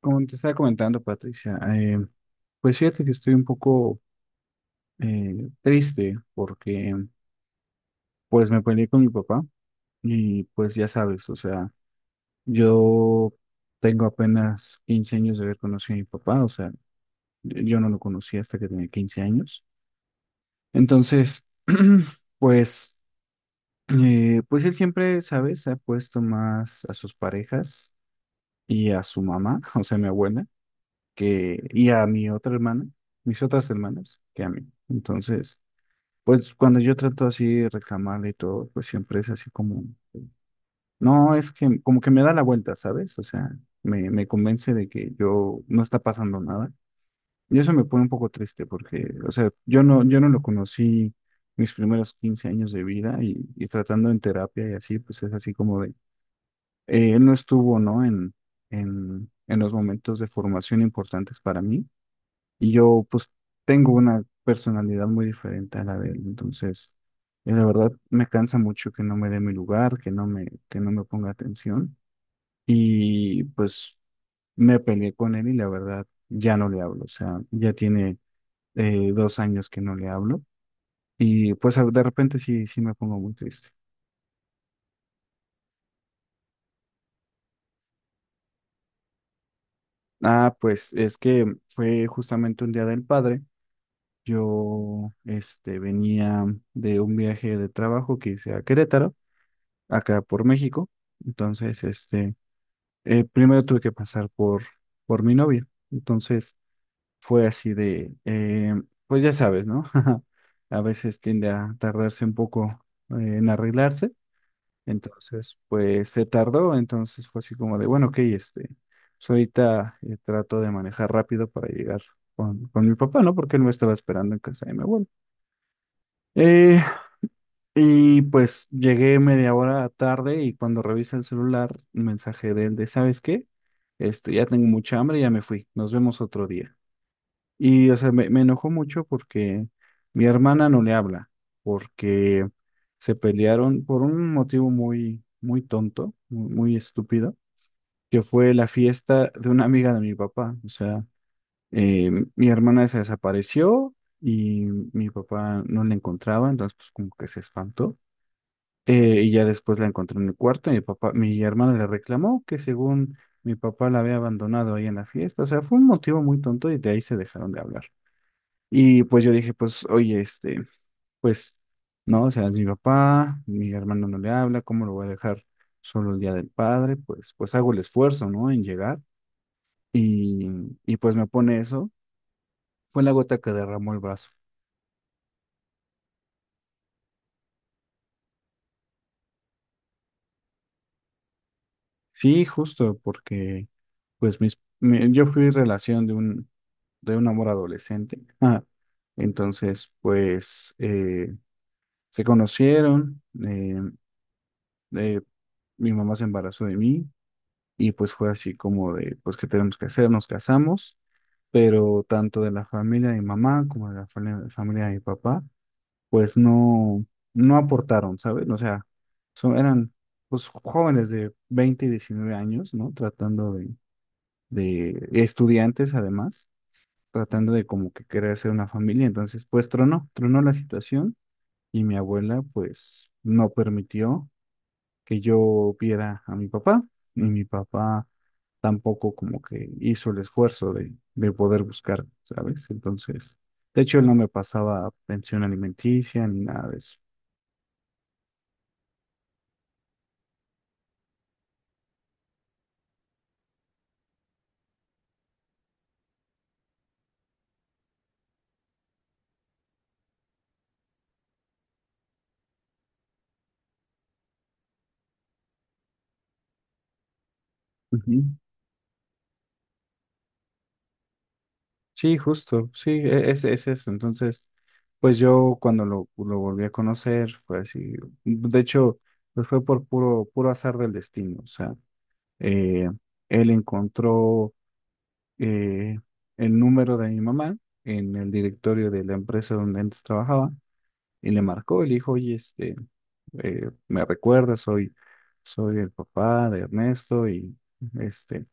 Como te estaba comentando, Patricia, pues fíjate que estoy un poco triste porque pues me peleé con mi papá y pues ya sabes, o sea, yo tengo apenas 15 años de haber conocido a mi papá, o sea, yo no lo conocí hasta que tenía 15 años. Entonces, pues, pues él siempre, ¿sabes? Ha puesto más a sus parejas y a su mamá, o sea, mi abuela. Que, y a mi otra hermana, mis otras hermanas, que a mí. Entonces, pues cuando yo trato así de reclamarle y todo, pues siempre es así como, no, es que como que me da la vuelta, ¿sabes? O sea, me convence de que yo no está pasando nada. Y eso me pone un poco triste porque, o sea, yo no lo conocí mis primeros 15 años de vida y tratando en terapia y así, pues es así como de, él no estuvo, ¿no? En los momentos de formación importantes para mí y yo pues tengo una personalidad muy diferente a la de él, entonces la verdad me cansa mucho que no me dé mi lugar, que no me ponga atención y pues me peleé con él y la verdad ya no le hablo, o sea, ya tiene 2 años que no le hablo y pues de repente sí, sí me pongo muy triste. Ah, pues es que fue justamente un día del padre, yo venía de un viaje de trabajo que hice a Querétaro, acá por México. Entonces, primero tuve que pasar por mi novia. Entonces, fue así de, pues ya sabes, ¿no? A veces tiende a tardarse un poco en arreglarse. Entonces, pues se tardó. Entonces fue así como de, bueno, ok, pues ahorita trato de manejar rápido para llegar con mi papá, ¿no? Porque él me estaba esperando en casa de mi abuelo. Eh, Y pues llegué media hora tarde y cuando revisé el celular, un mensaje de él de, ¿sabes qué? Ya tengo mucha hambre, ya me fui, nos vemos otro día. Y, o sea, me enojó mucho porque mi hermana no le habla, porque se pelearon por un motivo muy, muy tonto, muy, muy estúpido, que fue la fiesta de una amiga de mi papá. O sea, eh, mi hermana se desapareció y mi papá no la encontraba, entonces pues como que se espantó. Y ya después la encontré en el cuarto y mi papá, mi hermana le reclamó que según mi papá la había abandonado ahí en la fiesta. O sea, fue un motivo muy tonto y de ahí se dejaron de hablar. Y pues yo dije, pues, oye, pues, no, o sea, es mi papá, mi hermano no le habla, ¿cómo lo voy a dejar solo el día del padre? Pues, pues hago el esfuerzo, ¿no? En llegar. Y, y pues me pone eso. Fue la gota que derramó el vaso. Sí, justo, porque pues yo fui relación de de un amor adolescente. Ah, entonces, pues se conocieron, eh, mi mamá se embarazó de mí y pues fue así como de, pues, ¿qué tenemos que hacer? Nos casamos, pero tanto de la familia de mi mamá como de la familia de mi papá, pues no, no aportaron, ¿sabes? O sea, son, eran pues jóvenes de 20 y 19 años, ¿no? Tratando, de estudiantes además, tratando de como que querer hacer una familia. Entonces, pues tronó, tronó la situación y mi abuela pues no permitió que yo viera a mi papá y mi papá tampoco como que hizo el esfuerzo de poder buscar, ¿sabes? Entonces, de hecho, él no me pasaba pensión alimenticia ni nada de eso. Ujú. Sí, justo, sí, es eso. Entonces, pues yo cuando lo volví a conocer, fue así. De hecho, pues fue por puro, puro azar del destino. O sea, eh, él encontró eh, el número de mi mamá en el directorio de la empresa donde antes trabajaba y le marcó y le dijo, oye, me recuerda, soy el papá de Ernesto y este,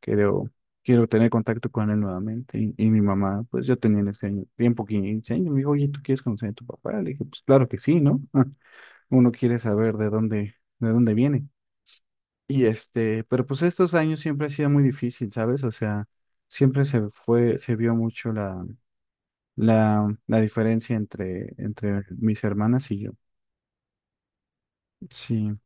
quiero, quiero tener contacto con él nuevamente. Y mi mamá, pues yo tenía en ese año, tiempo 15 años, me dijo, oye, ¿tú quieres conocer a tu papá? Le dije, pues claro que sí, ¿no? Uno quiere saber de dónde viene. Y pero pues estos años siempre ha sido muy difícil, ¿sabes? O sea, siempre se fue, se vio mucho la, la diferencia entre, entre mis hermanas y yo. Sí,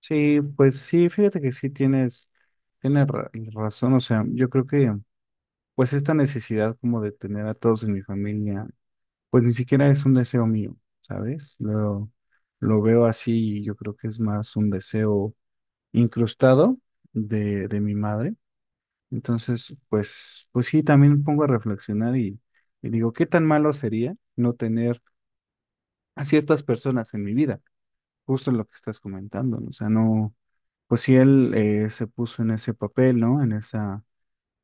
sí, pues sí, fíjate que sí razón, o sea, yo creo que pues esta necesidad como de tener a todos en mi familia, pues ni siquiera es un deseo mío, ¿sabes? Lo veo así y yo creo que es más un deseo incrustado de mi madre. Entonces, pues, pues sí, también me pongo a reflexionar y digo, ¿qué tan malo sería no tener a ciertas personas en mi vida? Justo lo que estás comentando, ¿no? O sea, no, pues si él se puso en ese papel, ¿no?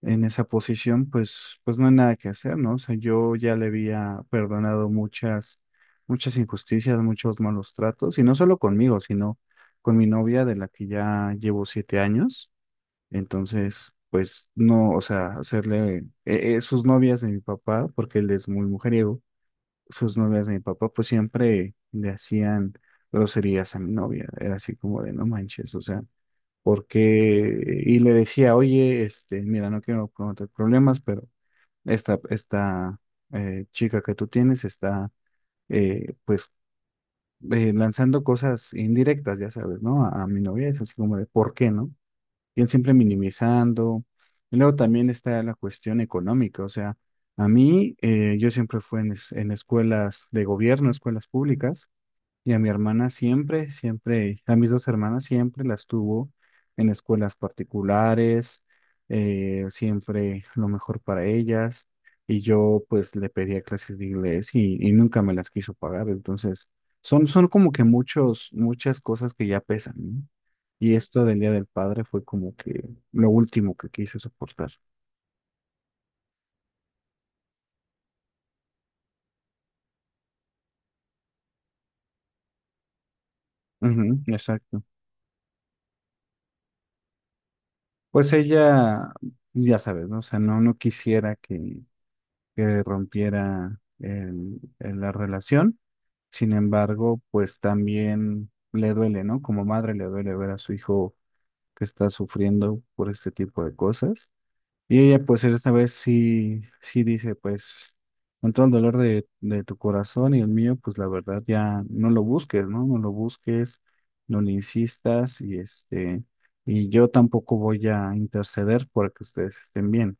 En esa posición, pues, pues no hay nada que hacer, ¿no? O sea, yo ya le había perdonado muchas, muchas injusticias, muchos malos tratos, y no solo conmigo, sino con mi novia, de la que ya llevo 7 años. Entonces, pues no, o sea, hacerle sus novias de mi papá, porque él es muy mujeriego, sus novias de mi papá, pues siempre le hacían groserías a mi novia. Era así como de, no manches, o sea, porque y le decía, oye, mira, no quiero cometer problemas, pero esta chica que tú tienes está, pues, lanzando cosas indirectas, ya sabes, ¿no? A mi novia es así como de, ¿por qué, no? Siguen siempre minimizando. Y luego también está la cuestión económica, o sea, a mí, yo siempre fui en, en escuelas de gobierno, escuelas públicas, y a mi hermana siempre, siempre, a mis dos hermanas siempre las tuvo en escuelas particulares, siempre lo mejor para ellas, y yo pues le pedía clases de inglés y nunca me las quiso pagar, entonces son, son como que muchos, muchas cosas que ya pesan, ¿no? Y esto del Día del Padre fue como que lo último que quise soportar. Ujú, exacto. Pues ella, pues ya sabes, ¿no? O sea, no, no quisiera que rompiera la relación. Sin embargo, pues también le duele, ¿no? Como madre le duele ver a su hijo que está sufriendo por este tipo de cosas. Y ella, pues, esta vez sí, sí dice, pues, con todo el dolor de tu corazón y el mío, pues, la verdad, ya no lo busques, ¿no? No lo busques, no le insistas y y yo tampoco voy a interceder para que ustedes estén bien.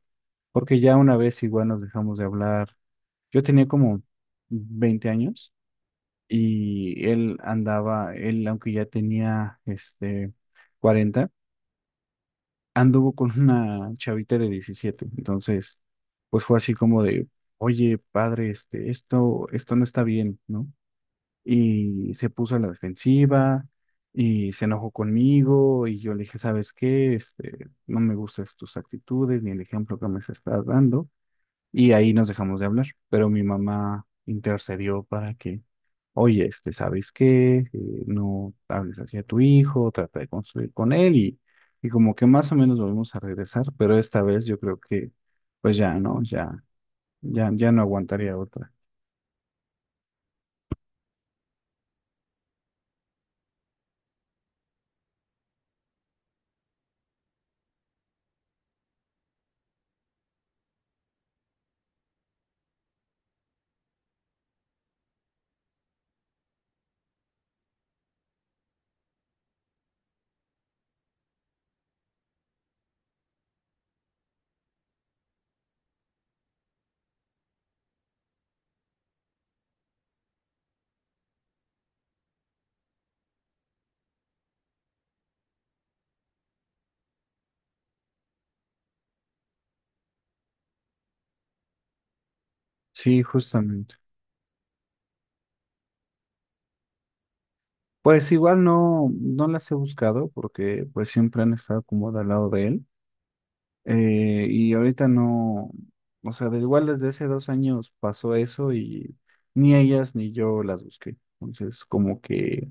Porque ya una vez igual nos dejamos de hablar. Yo tenía como 20 años y él andaba, él, aunque ya tenía, 40, anduvo con una chavita de 17. Entonces, pues fue así como de, oye, padre, esto, esto no está bien, ¿no? Y se puso a la defensiva y se enojó conmigo y yo le dije, ¿sabes qué? No me gustan tus actitudes ni el ejemplo que me estás dando. Y ahí nos dejamos de hablar, pero mi mamá intercedió para que, oye, ¿sabes qué? No hables hacia tu hijo, trata de construir con él y como que más o menos volvemos a regresar, pero esta vez yo creo que pues ya, ¿no? Ya, ya, ya no aguantaría otra. Sí, justamente. Pues igual no las he buscado porque pues siempre han estado como de al lado de él. Y ahorita no, o sea, de igual desde hace 2 años pasó eso y ni ellas ni yo las busqué. Entonces, como que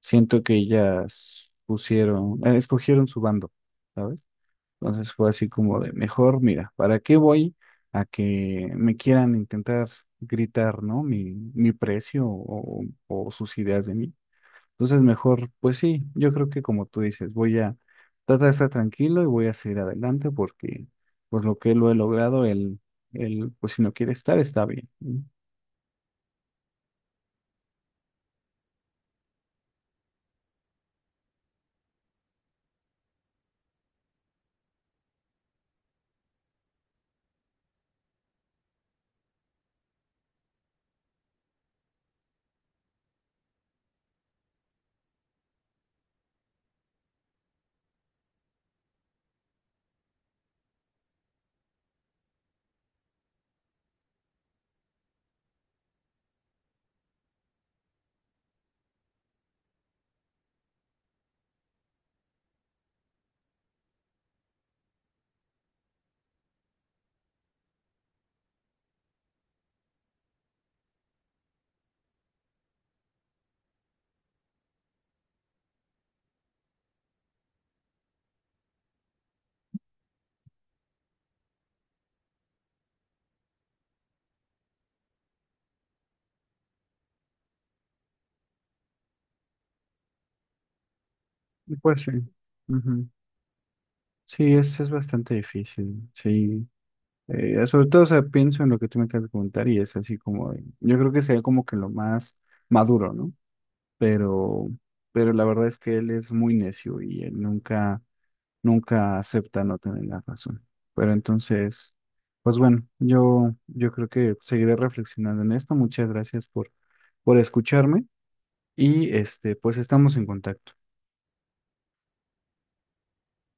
siento que ellas pusieron, escogieron su bando, ¿sabes? Entonces fue así como de, mejor, mira, ¿para qué voy a que me quieran intentar gritar, ¿no? Mi precio o sus ideas de mí. Entonces, mejor, pues sí, yo creo que como tú dices, voy a tratar de estar tranquilo y voy a seguir adelante porque pues lo que lo he logrado, él pues si no quiere estar, está bien, ¿no? Y pues sí. Ujú. Sí, es bastante difícil, sí. Sobre todo, o sea, pienso en lo que tú me acabas de comentar y es así como, de- yo creo que sería como que lo más maduro, ¿no? Pero, pero la verdad es que él es muy necio y él nunca acepta no tener la razón. Pero entonces, pues bueno, yo creo que seguiré reflexionando en esto. Muchas gracias por escucharme y pues estamos en contacto.